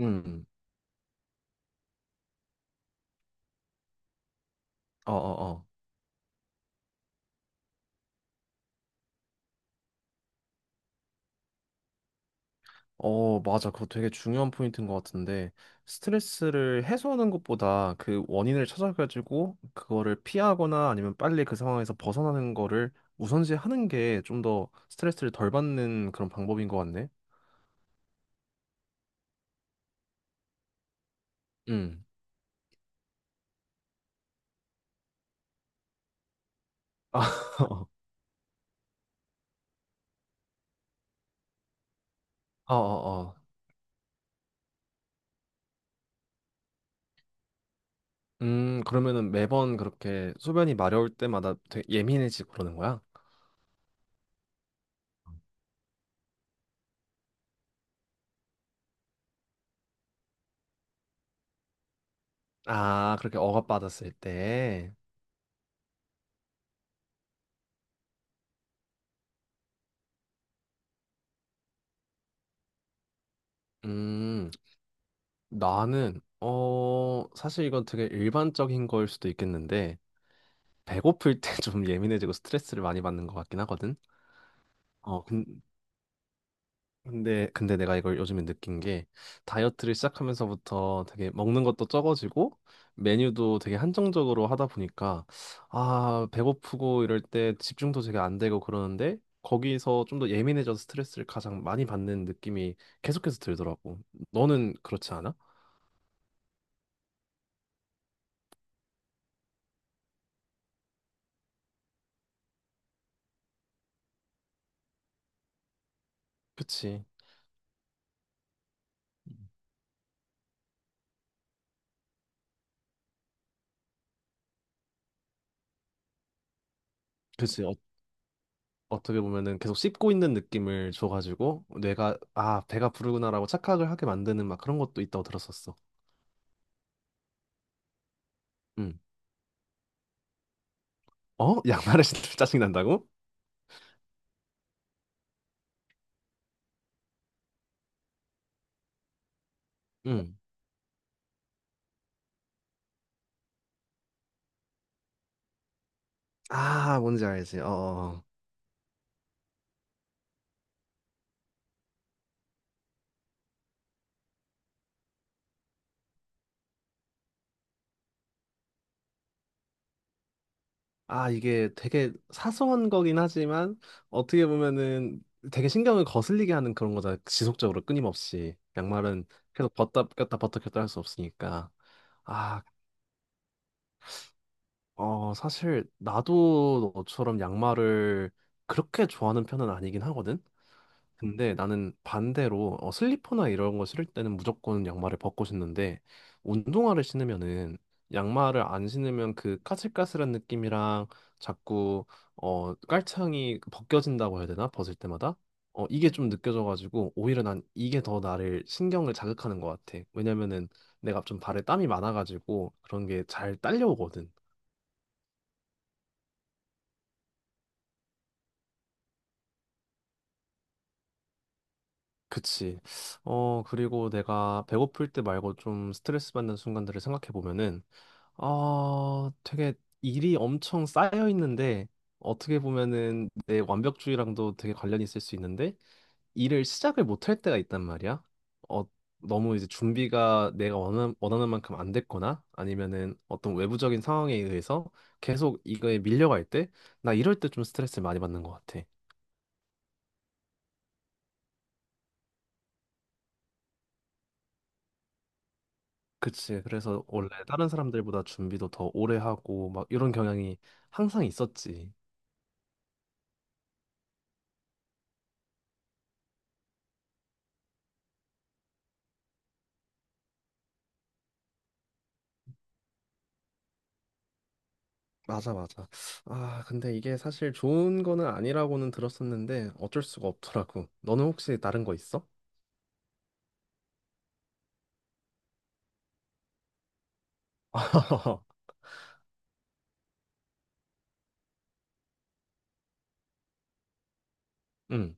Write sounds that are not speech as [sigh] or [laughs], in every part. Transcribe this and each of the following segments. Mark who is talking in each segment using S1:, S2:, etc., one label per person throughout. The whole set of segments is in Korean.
S1: 음, 어, 어, 어. 어, 맞아. 그거 되게 중요한 포인트인 것 같은데, 스트레스를 해소하는 것보다 그 원인을 찾아가지고, 그거를 피하거나 아니면 빨리 그 상황에서 벗어나는 거를 우선시 하는 게 좀 더 스트레스를 덜 받는 그런 방법인 것 같네. 음. 아, [laughs] 어, 어, 어. 그러면은 매번 그렇게 소변이 마려울 때마다 되게 예민해지고 그러는 거야? 아, 그렇게 억압받았을 때. 음. 나는 사실 이건 되게 일반적인 거일 수도 있겠는데 배고플 때 좀 [laughs] 예민해지고 스트레스를 많이 받는 것 같긴 하거든. 어 근- 근데 내가 이걸 요즘에 느낀 게 다이어트를 시작하면서부터 되게 먹는 것도 적어지고 메뉴도 되게 한정적으로 하다 보니까 아 배고프고 이럴 때 집중도 되게 안 되고 그러는데 거기서 좀 더 예민해져서 스트레스를 가장 많이 받는 느낌이 계속해서 들더라고. 너는 그렇지 않아? 그치. 그치. 어떻게 보면은 계속 씹고 있는 느낌을 줘가지고 뇌가 아 배가 부르구나라고 착각을 하게 만드는 막 그런 것도 있다고 들었었어. 음. 어? 양말을 신으면 [laughs] 짜증 난다고? 음. 아 뭔지 알지. 어. 어. 아 이게 되게 사소한 거긴 하지만 어떻게 보면은 되게 신경을 거슬리게 하는 그런 거잖아. 지속적으로 끊임없이 양말은 계속 벗다 꼈다 벗다 꼈다 할 수 없으니까. 아 사실 나도 너처럼 양말을 그렇게 좋아하는 편은 아니긴 하거든. 근데 나는 반대로 슬리퍼나 이런 거 신을 때는 무조건 양말을 벗고 신는데 운동화를 신으면은 양말을 안 신으면 그 까슬까슬한 느낌이랑 자꾸 깔창이 벗겨진다고 해야 되나? 벗을 때마다 이게 좀 느껴져가지고 오히려 난 이게 더 나를 신경을 자극하는 것 같아. 왜냐면은 내가 좀 발에 땀이 많아가지고 그런 게 잘 딸려오거든. 그치. 그리고 내가 배고플 때 말고 좀 스트레스 받는 순간들을 생각해 보면은 되게 일이 엄청 쌓여 있는데 어떻게 보면은 내 완벽주의랑도 되게 관련이 있을 수 있는데 일을 시작을 못할 때가 있단 말이야. 어, 너무 이제 준비가 내가 원하는 만큼 안 됐거나 아니면은 어떤 외부적인 상황에 의해서 계속 이거에 밀려갈 때 나 이럴 때 좀 스트레스를 많이 받는 것 같아. 그치. 그래서 원래 다른 사람들보다 준비도 더 오래 하고 막 이런 경향이 항상 있었지. 맞아, 맞아. 아, 근데 이게 사실 좋은 거는 아니라고는 들었었는데 어쩔 수가 없더라고. 너는 혹시 다른 거 있어? [laughs] 응.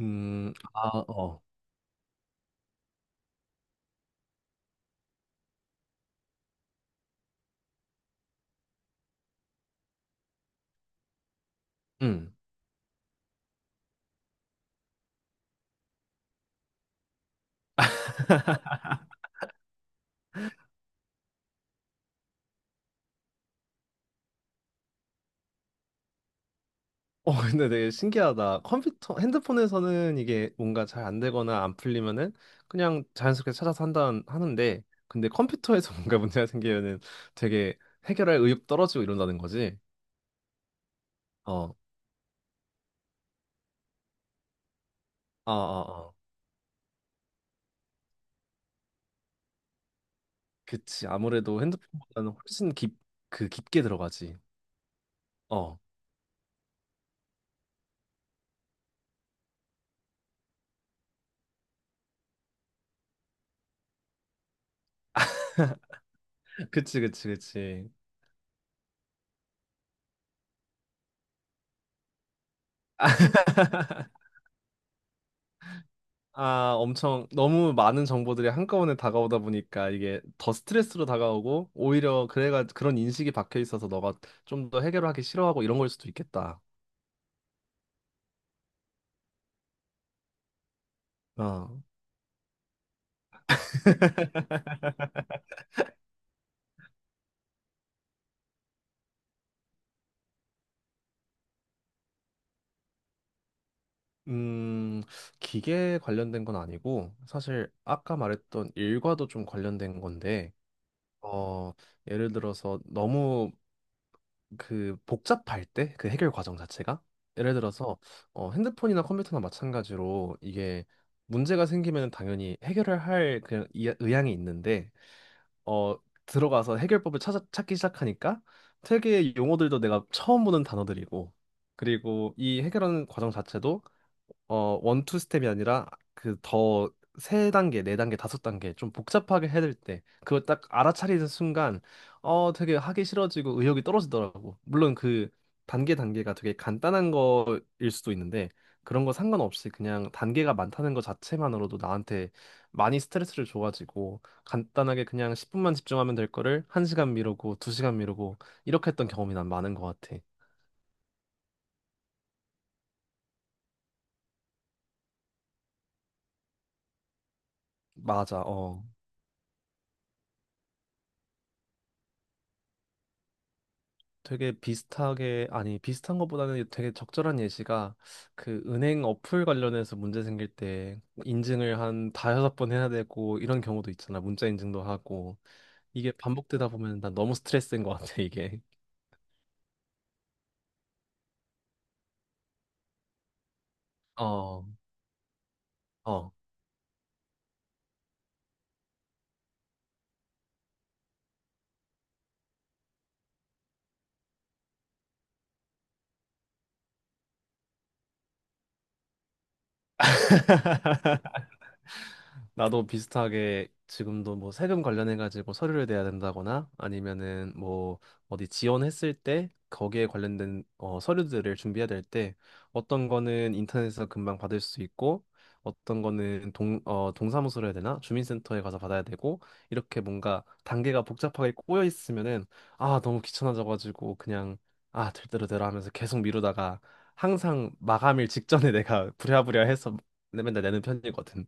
S1: 아, 어. 응. [laughs] 어, 근데 되게 신기하다. 컴퓨터, 핸드폰에서는 이게 뭔가 잘 안 되거나 안 풀리면은 그냥 자연스럽게 찾아서 한다 하는데, 근데 컴퓨터에서 [laughs] 뭔가 문제가 생기면은 되게 해결할 의욕 떨어지고 이런다는 거지. 어, 아, 아, 아. 그치. 아무래도 핸드폰보다는 그 깊게 들어가지. 어. [laughs] 그치, 그치, 그치. [laughs] 아, 엄청 너무 많은 정보들이 한꺼번에 다가오다 보니까 이게 더 스트레스로 다가오고 오히려 그래가 그런 인식이 박혀 있어서 너가 좀 더 해결하기 싫어하고 이런 걸 수도 있겠다. 어. 음, 기계 관련된 건 아니고 사실 아까 말했던 일과도 좀 관련된 건데 어, 예를 들어서 너무 그 복잡할 때 그 해결 과정 자체가 예를 들어서 핸드폰이나 컴퓨터나 마찬가지로 이게 문제가 생기면 당연히 해결을 할 그냥 의향이 있는데 어, 들어가서 해결법을 찾기 시작하니까 되게 용어들도 내가 처음 보는 단어들이고 그리고 이 해결하는 과정 자체도 원투 스텝이 아니라 그 더 세 단계, 네 단계, 다섯 단계 좀 복잡하게 해야 될 때, 그걸 딱 알아차리는 순간, 되게 하기 싫어지고 의욕이 떨어지더라고. 물론 그 단계 단계가 되게 간단한 거일 수도 있는데, 그런 거 상관없이 그냥 단계가 많다는 것 자체만으로도 나한테 많이 스트레스를 줘가지고, 간단하게 그냥 10분만 집중하면 될 거를 1시간 미루고 2시간 미루고 이렇게 했던 경험이 난 많은 것 같아. 맞아. 어. 되게 비슷하게 아니 비슷한 것보다는 되게 적절한 예시가 그 은행 어플 관련해서 문제 생길 때 인증을 한 다여섯 번 해야 되고 이런 경우도 있잖아. 문자 인증도 하고 이게 반복되다 보면 난 너무 스트레스인 것 같아, 이게. 어. 어. [laughs] 나도 비슷하게 지금도 뭐 세금 관련해가지고 서류를 내야 된다거나 아니면은 뭐 어디 지원했을 때 거기에 관련된 서류들을 준비해야 될 때 어떤 거는 인터넷에서 금방 받을 수 있고 어떤 거는 동사무소로 해야 되나? 주민센터에 가서 받아야 되고 이렇게 뭔가 단계가 복잡하게 꼬여 있으면은 아, 너무 귀찮아져가지고 그냥 아, 될 대로 되라 하면서 계속 미루다가 항상 마감일 직전에 [laughs] 내가 부랴부랴 해서 맨날 내는 편이거든.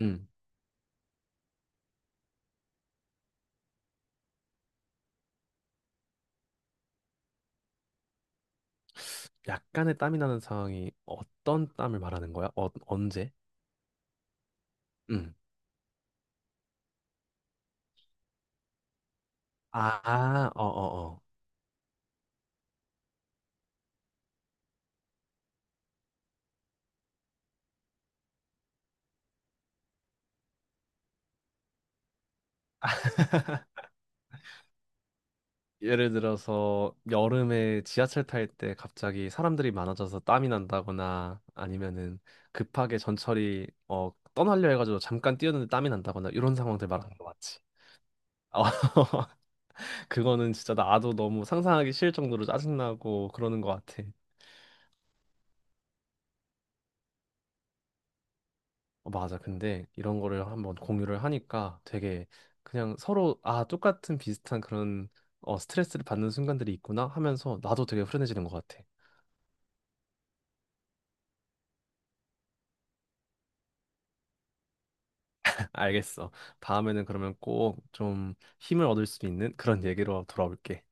S1: 음. 약간의 땀이 나는 상황이 어떤 땀을 말하는 거야? 어, 언제? 응. 아, 어, 어, 어. 예를 들어서 여름에 지하철 탈 때 갑자기 사람들이 많아져서 땀이 난다거나 아니면은 급하게 전철이 떠나려 해가지고 잠깐 뛰었는데 땀이 난다거나 이런 상황들 말하는 거 맞지? 어, [laughs] 그거는 진짜 나도 너무 상상하기 싫을 정도로 짜증나고 그러는 것 같아. 어, 맞아. 근데 이런 거를 한번 공유를 하니까 되게 그냥 서로 아, 똑같은 비슷한 그런 스트레스를 받는 순간들이 있구나 하면서 나도 되게 후련해지는 것 같아. [laughs] 알겠어. 다음에는 그러면 꼭 좀 힘을 얻을 수 있는 그런 얘기로 돌아올게.